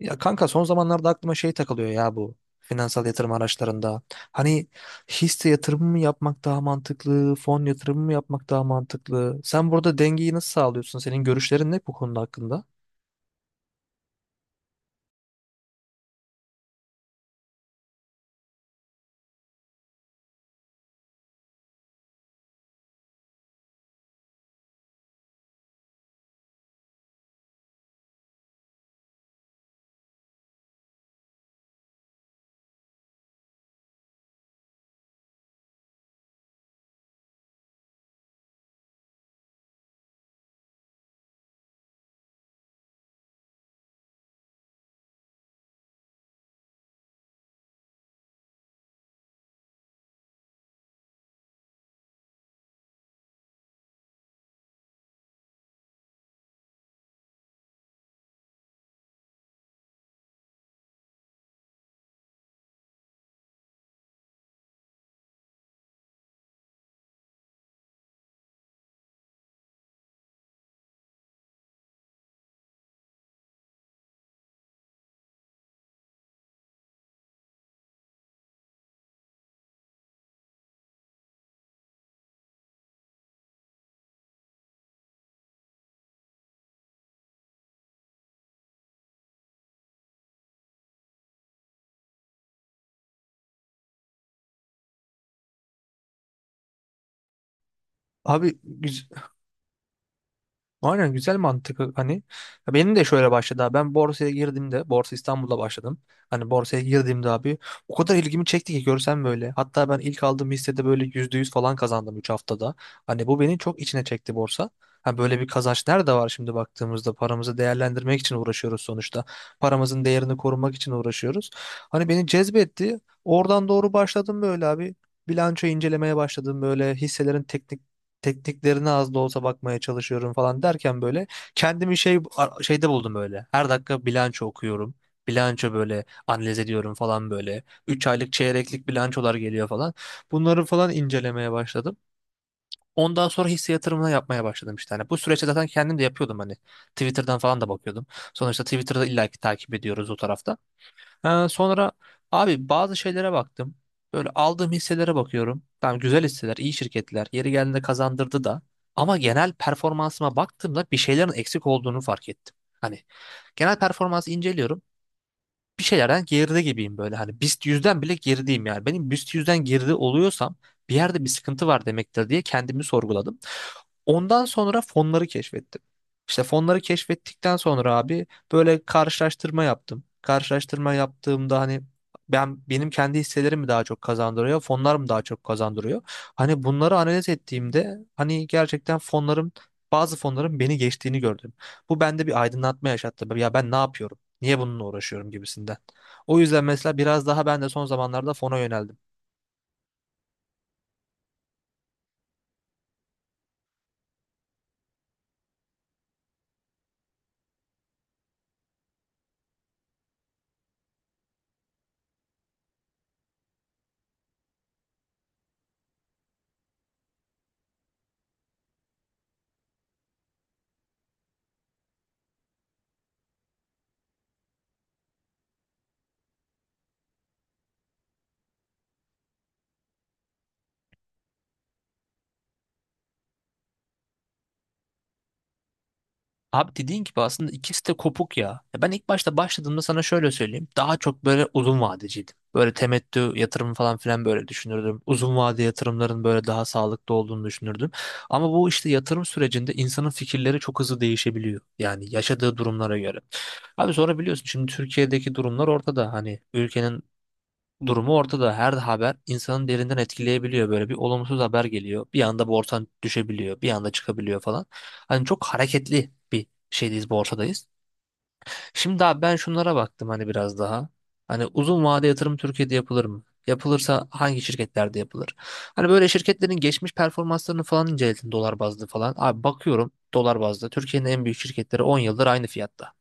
Ya kanka son zamanlarda aklıma şey takılıyor ya bu finansal yatırım araçlarında. Hani hisse yatırımı mı yapmak daha mantıklı, fon yatırımı mı yapmak daha mantıklı? Sen burada dengeyi nasıl sağlıyorsun? Senin görüşlerin ne bu konuda hakkında? Abi güz- Aynen güzel mantık. Hani ya benim de şöyle başladı abi. Ben borsaya girdiğimde Borsa İstanbul'da başladım, hani borsaya girdiğimde abi o kadar ilgimi çekti ki görsem böyle, hatta ben ilk aldığım hissede böyle %100 falan kazandım 3 haftada. Hani bu beni çok içine çekti borsa. Ha, böyle bir kazanç nerede var şimdi baktığımızda? Paramızı değerlendirmek için uğraşıyoruz sonuçta, paramızın değerini korumak için uğraşıyoruz. Hani beni cezbetti, oradan doğru başladım böyle abi. Bilanço incelemeye başladım, böyle hisselerin teknik tekniklerine az da olsa bakmaya çalışıyorum falan derken böyle kendimi şeyde buldum böyle. Her dakika bilanço okuyorum. Bilanço böyle analiz ediyorum falan böyle. 3 aylık çeyreklik bilançolar geliyor falan. Bunları falan incelemeye başladım. Ondan sonra hisse yatırımına yapmaya başladım işte. Hani bu süreçte zaten kendim de yapıyordum hani. Twitter'dan falan da bakıyordum. Sonuçta Twitter'da illaki takip ediyoruz o tarafta. Ha, sonra abi bazı şeylere baktım. Böyle aldığım hisselere bakıyorum. Tamam, güzel hisseler, iyi şirketler. Yeri geldiğinde kazandırdı da. Ama genel performansıma baktığımda bir şeylerin eksik olduğunu fark ettim. Hani genel performansı inceliyorum. Bir şeylerden geride gibiyim böyle. Hani BIST 100'den bile gerideyim yani. Benim BIST 100'den geride oluyorsam bir yerde bir sıkıntı var demektir diye kendimi sorguladım. Ondan sonra fonları keşfettim. İşte fonları keşfettikten sonra abi böyle karşılaştırma yaptım. Karşılaştırma yaptığımda hani benim kendi hisselerim mi daha çok kazandırıyor, fonlar mı daha çok kazandırıyor? Hani bunları analiz ettiğimde hani gerçekten fonlarım, bazı fonların beni geçtiğini gördüm. Bu bende bir aydınlatma yaşattı. Ya ben ne yapıyorum? Niye bununla uğraşıyorum gibisinden. O yüzden mesela biraz daha ben de son zamanlarda fona yöneldim. Abi dediğin gibi aslında ikisi de kopuk ya. Ya ben ilk başta başladığımda sana şöyle söyleyeyim. Daha çok böyle uzun vadeciydim. Böyle temettü yatırım falan filan böyle düşünürdüm. Uzun vade yatırımların böyle daha sağlıklı olduğunu düşünürdüm. Ama bu işte yatırım sürecinde insanın fikirleri çok hızlı değişebiliyor. Yani yaşadığı durumlara göre. Abi sonra biliyorsun şimdi Türkiye'deki durumlar ortada. Hani ülkenin durumu ortada. Her haber insanın derinden etkileyebiliyor. Böyle bir olumsuz haber geliyor. Bir anda borsan düşebiliyor. Bir anda çıkabiliyor falan. Hani çok hareketli bir şeydeyiz, borsadayız. Şimdi abi ben şunlara baktım hani biraz daha. Hani uzun vade yatırım Türkiye'de yapılır mı? Yapılırsa hangi şirketlerde yapılır? Hani böyle şirketlerin geçmiş performanslarını falan inceledim dolar bazlı falan. Abi bakıyorum dolar bazlı. Türkiye'nin en büyük şirketleri 10 yıldır aynı fiyatta.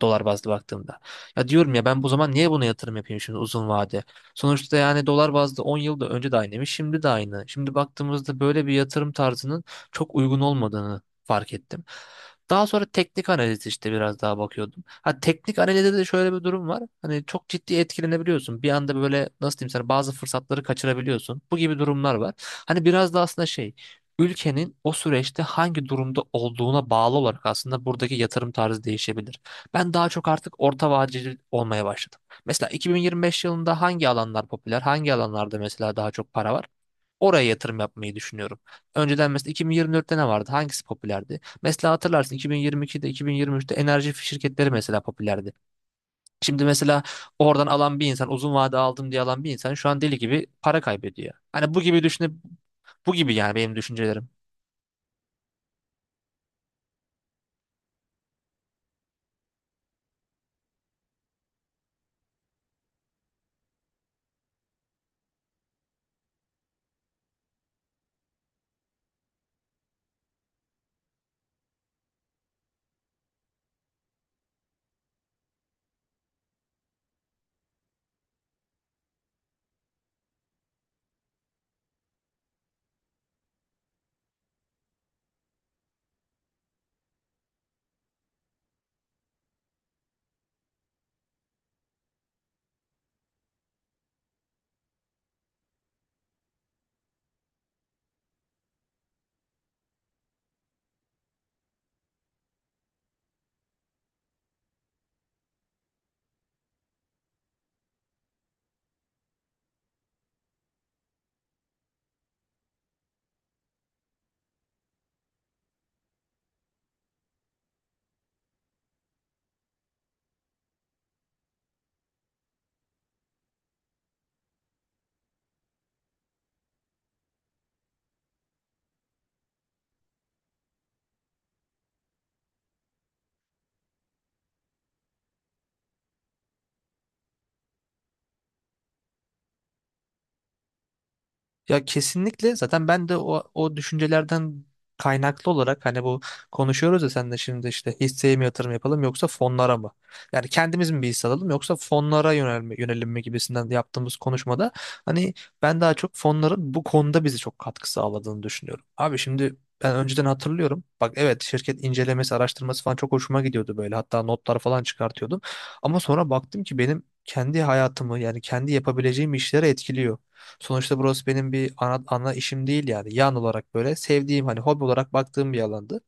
Dolar bazlı baktığımda. Ya diyorum ya ben bu zaman niye buna yatırım yapayım şimdi uzun vade? Sonuçta yani dolar bazlı 10 yılda önce de aynıymış, şimdi de aynı. Şimdi baktığımızda böyle bir yatırım tarzının çok uygun olmadığını fark ettim. Daha sonra teknik analiz işte biraz daha bakıyordum. Ha, teknik analizde de şöyle bir durum var. Hani çok ciddi etkilenebiliyorsun. Bir anda böyle nasıl diyeyim sana, bazı fırsatları kaçırabiliyorsun. Bu gibi durumlar var. Hani biraz da aslında şey ülkenin o süreçte hangi durumda olduğuna bağlı olarak aslında buradaki yatırım tarzı değişebilir. Ben daha çok artık orta vadeli olmaya başladım. Mesela 2025 yılında hangi alanlar popüler, hangi alanlarda mesela daha çok para var? Oraya yatırım yapmayı düşünüyorum. Önceden mesela 2024'te ne vardı? Hangisi popülerdi? Mesela hatırlarsın 2022'de, 2023'te enerji şirketleri mesela popülerdi. Şimdi mesela oradan alan bir insan, uzun vade aldım diye alan bir insan şu an deli gibi para kaybediyor. Hani bu gibi düşünüp bu gibi yani benim düşüncelerim. Ya kesinlikle zaten ben de o düşüncelerden kaynaklı olarak hani bu konuşuyoruz ya sen de şimdi işte hisseye mi yatırım yapalım yoksa fonlara mı? Yani kendimiz mi bir hisse alalım yoksa fonlara yönelim mi gibisinden yaptığımız konuşmada hani ben daha çok fonların bu konuda bize çok katkı sağladığını düşünüyorum. Abi şimdi ben önceden hatırlıyorum. Bak evet, şirket incelemesi, araştırması falan çok hoşuma gidiyordu böyle. Hatta notlar falan çıkartıyordum. Ama sonra baktım ki benim kendi hayatımı yani kendi yapabileceğim işlere etkiliyor. Sonuçta burası benim bir ana işim değil yani. Yan olarak böyle sevdiğim hani hobi olarak baktığım bir alandı.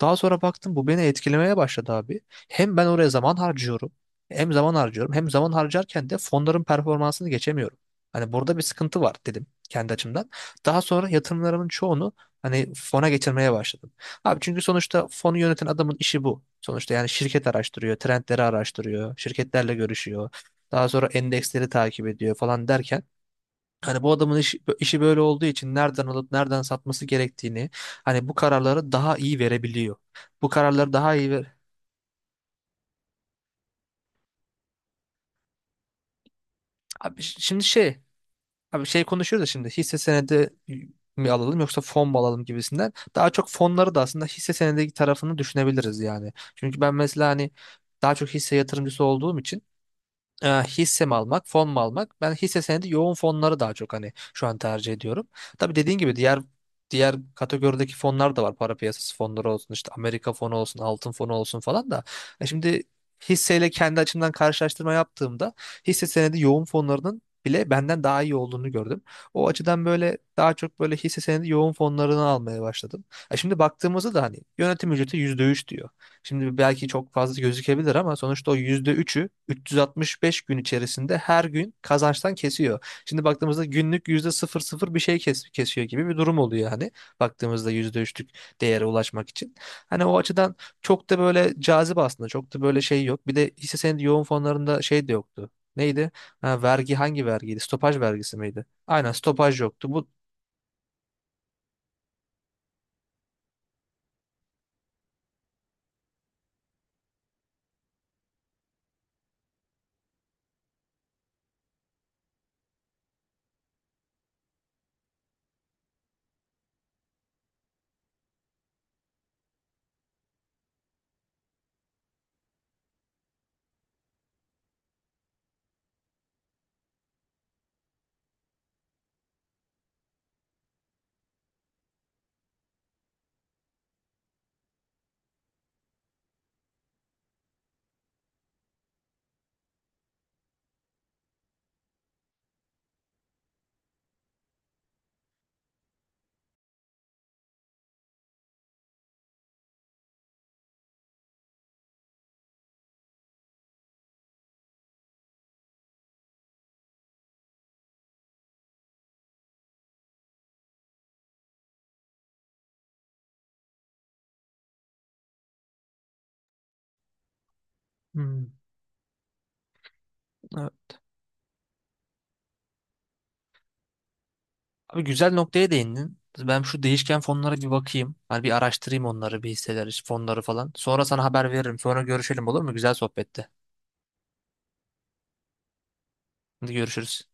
Daha sonra baktım bu beni etkilemeye başladı abi. Hem ben oraya zaman harcıyorum. Hem zaman harcıyorum. Hem zaman harcarken de fonların performansını geçemiyorum. Hani burada bir sıkıntı var dedim kendi açımdan. Daha sonra yatırımlarımın çoğunu hani fona geçirmeye başladım. Abi çünkü sonuçta fonu yöneten adamın işi bu. Sonuçta yani şirket araştırıyor, trendleri araştırıyor, şirketlerle görüşüyor. Daha sonra endeksleri takip ediyor falan derken hani bu adamın işi böyle olduğu için nereden alıp nereden satması gerektiğini, hani bu kararları daha iyi verebiliyor. Bu kararları daha iyi ver. Abi ş- şimdi şey abi şey konuşuyoruz da şimdi hisse senedi mi alalım yoksa fon mu alalım gibisinden. Daha çok fonları da aslında hisse senedi tarafını düşünebiliriz yani. Çünkü ben mesela hani daha çok hisse yatırımcısı olduğum için hisse mi almak, fon mu almak? Ben hisse senedi yoğun fonları daha çok hani şu an tercih ediyorum. Tabii dediğin gibi diğer kategorideki fonlar da var. Para piyasası fonları olsun, işte Amerika fonu olsun, altın fonu olsun falan da. E şimdi hisseyle kendi açımdan karşılaştırma yaptığımda hisse senedi yoğun fonlarının bile benden daha iyi olduğunu gördüm. O açıdan böyle daha çok böyle hisse senedi yoğun fonlarını almaya başladım. E şimdi baktığımızda da hani yönetim ücreti %3 diyor. Şimdi belki çok fazla gözükebilir ama sonuçta o %3'ü 365 gün içerisinde her gün kazançtan kesiyor. Şimdi baktığımızda günlük yüzde sıfır sıfır bir şey kesiyor gibi bir durum oluyor hani baktığımızda %3'lük değere ulaşmak için. Hani o açıdan çok da böyle cazip aslında, çok da böyle şey yok. Bir de hisse senedi yoğun fonlarında şey de yoktu. Neydi? Ha, vergi hangi vergiydi? Stopaj vergisi miydi? Aynen, stopaj yoktu. Bu. Hmm. Abi güzel noktaya değindin. Ben şu değişken fonlara bir bakayım. Hani bir araştırayım onları, bir hisseleri, fonları falan. Sonra sana haber veririm. Sonra görüşelim, olur mu? Güzel sohbette. Hadi görüşürüz.